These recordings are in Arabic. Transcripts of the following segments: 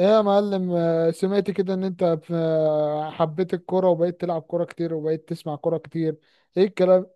ايه يا معلم، سمعت كده ان انت حبيت الكوره وبقيت تلعب كوره كتير وبقيت تسمع كوره كتير. ايه الكلام؟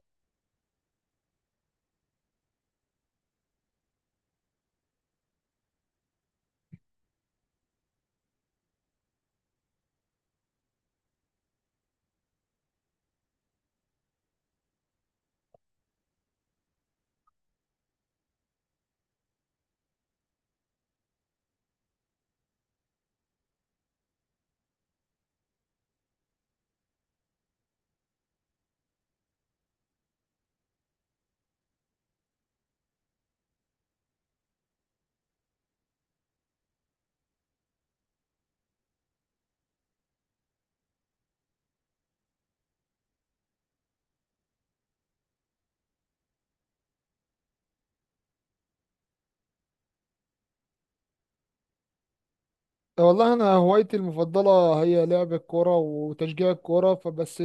والله انا هوايتي المفضله هي لعب الكوره وتشجيع الكوره فبس.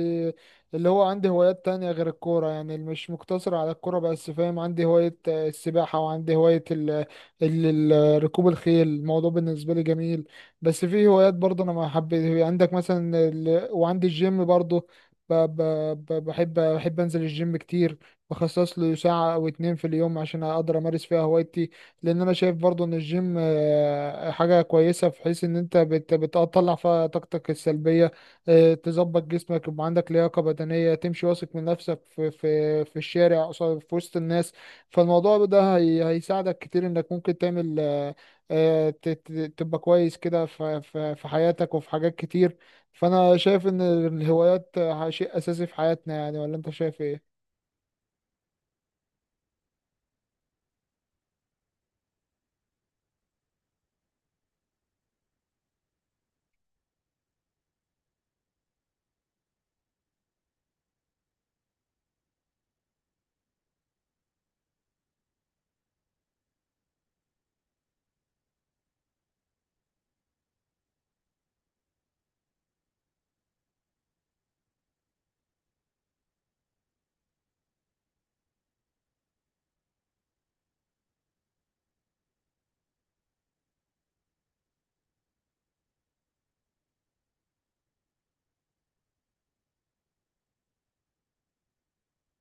اللي هو عندي هوايات تانية غير الكوره، يعني مش مقتصر على الكوره بس، فاهم؟ عندي هوايه السباحه، وعندي هوايه ال- ركوب الخيل. الموضوع بالنسبه لي جميل. بس في هوايات برضه انا ما حبيت، عندك مثلا وعندي الجيم برضه. ب... ب... بحب انزل الجيم كتير، بخصص له ساعه او اتنين في اليوم عشان اقدر امارس فيها هوايتي. لان انا شايف برضو ان الجيم حاجه كويسه، في حيث ان انت بتطلع فيها طاقتك السلبيه، تظبط جسمك، يبقى عندك لياقه بدنيه تمشي واثق من نفسك في الشارع في وسط الناس. فالموضوع ده هي هيساعدك كتير انك ممكن تعمل تبقى كويس كده في حياتك وفي حاجات كتير. فانا شايف ان الهوايات شيء اساسي في حياتنا يعني. ولا انت شايف ايه؟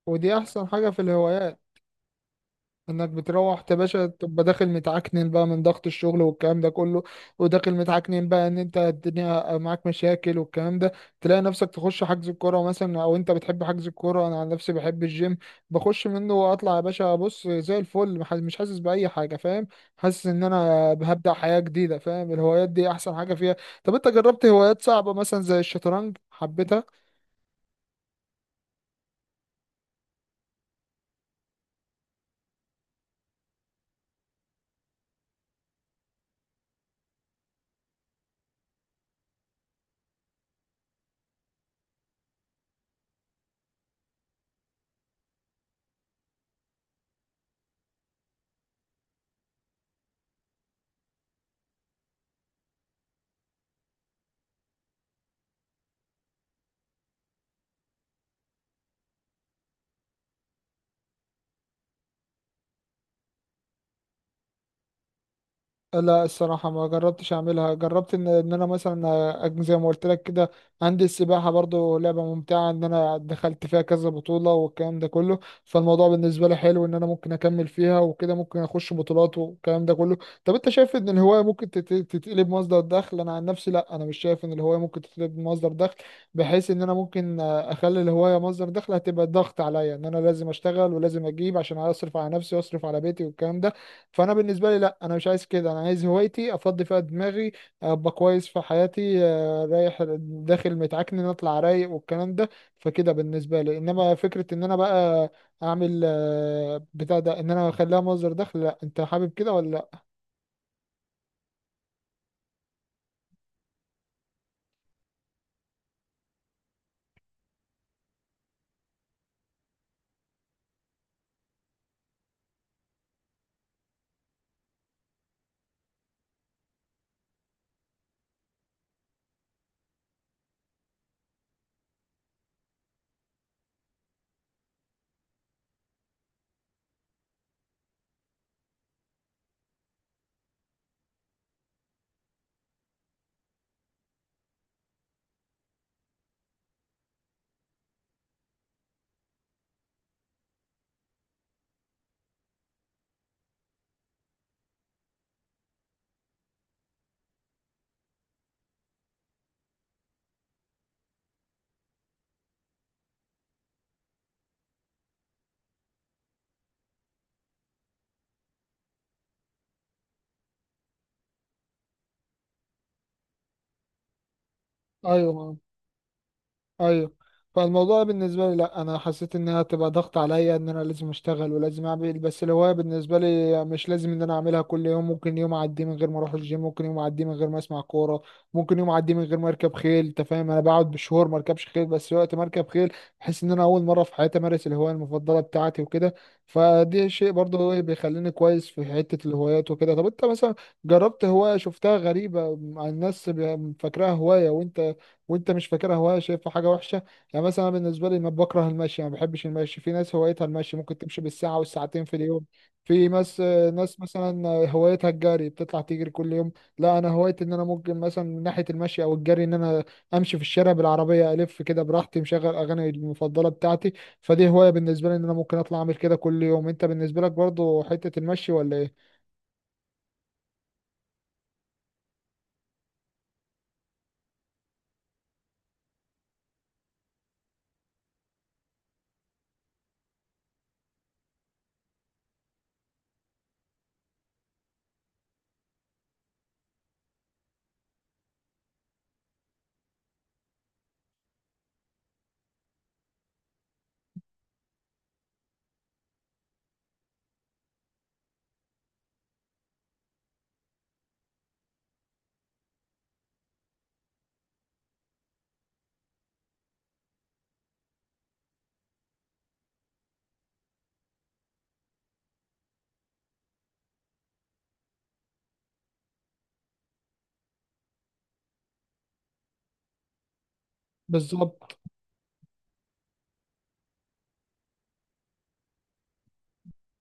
ودي احسن حاجه في الهوايات، انك بتروح يا باشا تبقى داخل متعكنن بقى من ضغط الشغل والكلام ده كله، وداخل متعكنن بقى ان انت الدنيا معاك مشاكل والكلام ده. تلاقي نفسك تخش حجز الكوره مثلا، او انت بتحب حجز الكوره، انا عن نفسي بحب الجيم. بخش منه واطلع يا باشا بص زي الفل، مش حاسس باي حاجه، فاهم؟ حاسس ان انا هبدأ حياه جديده، فاهم؟ الهوايات دي احسن حاجه فيها. طب انت جربت هوايات صعبه مثلا زي الشطرنج، حبيتها؟ لا الصراحة ما جربتش أعملها. جربت إن أنا مثلا زي ما قلت لك كده، عندي السباحة برضو، لعبة ممتعة. إن أنا دخلت فيها كذا بطولة والكلام ده كله. فالموضوع بالنسبة لي حلو، إن أنا ممكن أكمل فيها وكده، ممكن أخش بطولات والكلام ده كله. طب أنت شايف إن الهواية ممكن تتقلب مصدر دخل؟ أنا عن نفسي لا، أنا مش شايف إن الهواية ممكن تتقلب مصدر دخل، بحيث إن أنا ممكن أخلي الهواية مصدر دخل، هتبقى ضغط عليا إن أنا لازم أشتغل ولازم أجيب عشان أصرف على نفسي وأصرف على بيتي والكلام ده. فانا بالنسبه لي لا، انا مش عايز كده، انا عايز هوايتي افضي فيها دماغي، ابقى كويس في حياتي، رايح داخل متعكن اطلع رايق والكلام ده. فكده بالنسبه لي، انما فكره ان انا بقى اعمل بتاع ده، ان انا اخليها مصدر دخل، لا. انت حابب كده ولا لا؟ ايوه، ايوه. فالموضوع بالنسبه لي لا، انا حسيت انها تبقى ضغط عليا ان انا لازم اشتغل ولازم اعمل، بس الهوايه بالنسبه لي مش لازم ان انا اعملها كل يوم. ممكن يوم اعدي من غير ما اروح الجيم، ممكن يوم اعدي من غير ما اسمع كوره، ممكن يوم اعدي من غير ما اركب خيل. انت فاهم، انا بقعد بشهور ما اركبش خيل، بس وقت ما اركب خيل بحس ان انا اول مره في حياتي امارس الهوايه المفضله بتاعتي وكده. فدي شيء برضه هو اللي بيخليني كويس في حته الهوايات وكده. طب انت مثلا جربت هوايه شفتها غريبه مع الناس، فاكراها هوايه وانت مش فاكرها هوايه، شايفها حاجه وحشه؟ يعني مثلا أنا بالنسبه لي ما بكره المشي، ما بحبش المشي. في ناس هوايتها المشي، ممكن تمشي بالساعه والساعتين في اليوم. في ناس مثلا هوايتها الجري، بتطلع تجري كل يوم. لا انا هوايتي ان انا ممكن مثلا من ناحيه المشي او الجري، ان انا امشي في الشارع بالعربيه الف كده براحتي مشغل اغاني المفضله بتاعتي. فدي هوايه بالنسبه لي، ان انا ممكن اطلع اعمل كده كل يوم. انت بالنسبه لك برضو حته المشي ولا ايه؟ بالظبط.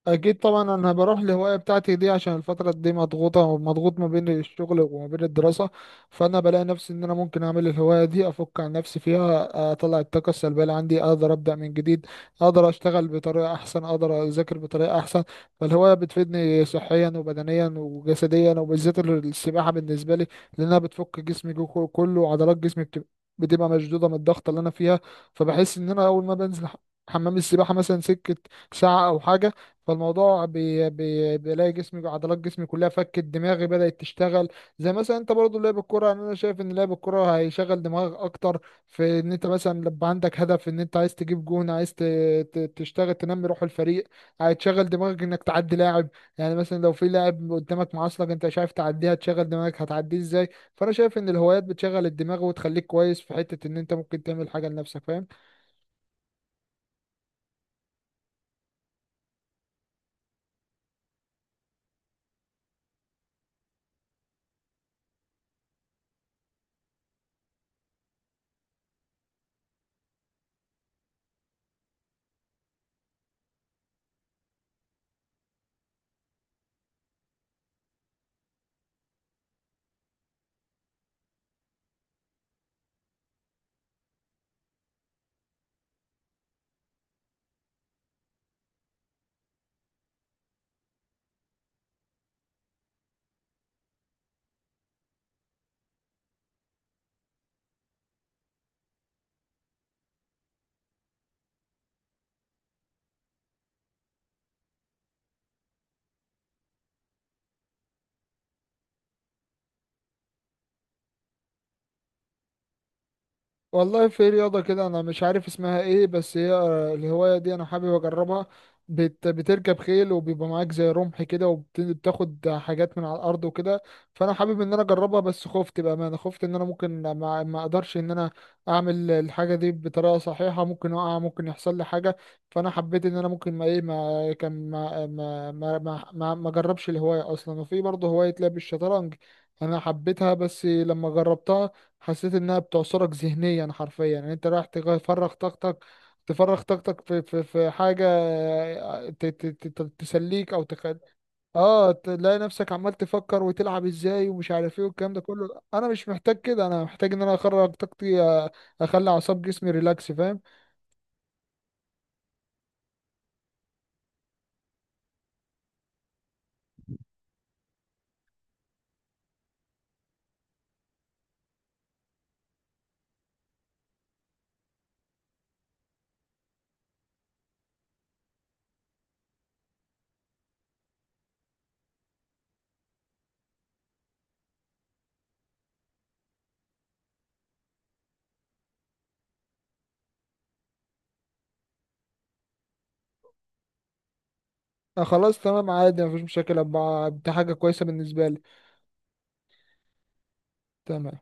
اكيد طبعا، انا بروح الهوايه بتاعتي دي عشان الفتره دي مضغوطه، ومضغوط ما بين الشغل وما بين الدراسه. فانا بلاقي نفسي ان انا ممكن اعمل الهوايه دي، افك عن نفسي فيها، اطلع الطاقه السلبيه اللي عندي، اقدر ابدا من جديد، اقدر اشتغل بطريقه احسن، اقدر اذاكر بطريقه احسن. فالهوايه بتفيدني صحيا وبدنيا وجسديا، وبالذات السباحه بالنسبه لي لانها بتفك جسمي كله، وعضلات جسمي بتبقى مشدوده من الضغط اللي انا فيها. فبحس ان انا اول ما بنزل حمام السباحه مثلا سكه ساعه او حاجه، فالموضوع بي بي بلاقي جسمي، عضلات جسمي كلها فكت، دماغي بدأت تشتغل. زي مثلا انت برضو لعب الكرة، يعني انا شايف ان لعب الكرة هيشغل دماغك اكتر، في ان انت مثلا لما عندك هدف ان انت عايز تجيب جون، عايز تشتغل، تنمي روح الفريق. هتشغل دماغك انك تعدي لاعب، يعني مثلا لو في لاعب قدامك معاصلك انت مش عارف تعديها، تشغل دماغك هتعديه ازاي. فانا شايف ان الهوايات بتشغل الدماغ وتخليك كويس في حتة ان انت ممكن تعمل حاجة لنفسك، فاهم؟ والله، في رياضة كده أنا مش عارف اسمها إيه، بس هي الهواية دي أنا حابب أجربها. بتركب خيل وبيبقى معاك زي رمح كده وبتاخد حاجات من على الأرض وكده. فأنا حابب إن أنا أجربها، بس خفت بأمانة. خفت إن أنا ممكن ما أقدرش إن أنا أعمل الحاجة دي بطريقة صحيحة، ممكن أقع، ممكن يحصل لي حاجة. فأنا حبيت إن أنا ممكن ما إيه ما كان ما ما ما ما, ما أجربش الهواية أصلا. وفي برضه هواية لعب الشطرنج. أنا حبيتها، بس لما جربتها حسيت انها بتعصرك ذهنيا حرفيا. يعني انت رايح تفرغ طاقتك، في حاجه، تسليك او اه، تلاقي نفسك عمال تفكر وتلعب ازاي ومش عارف ايه والكلام ده كله. انا مش محتاج كده، انا محتاج ان انا اخرج طاقتي، اخلي اعصاب جسمي ريلاكس، فاهم؟ آه، خلاص تمام عادي مفيش مشاكل. دي حاجه كويسه بالنسبه لي. تمام.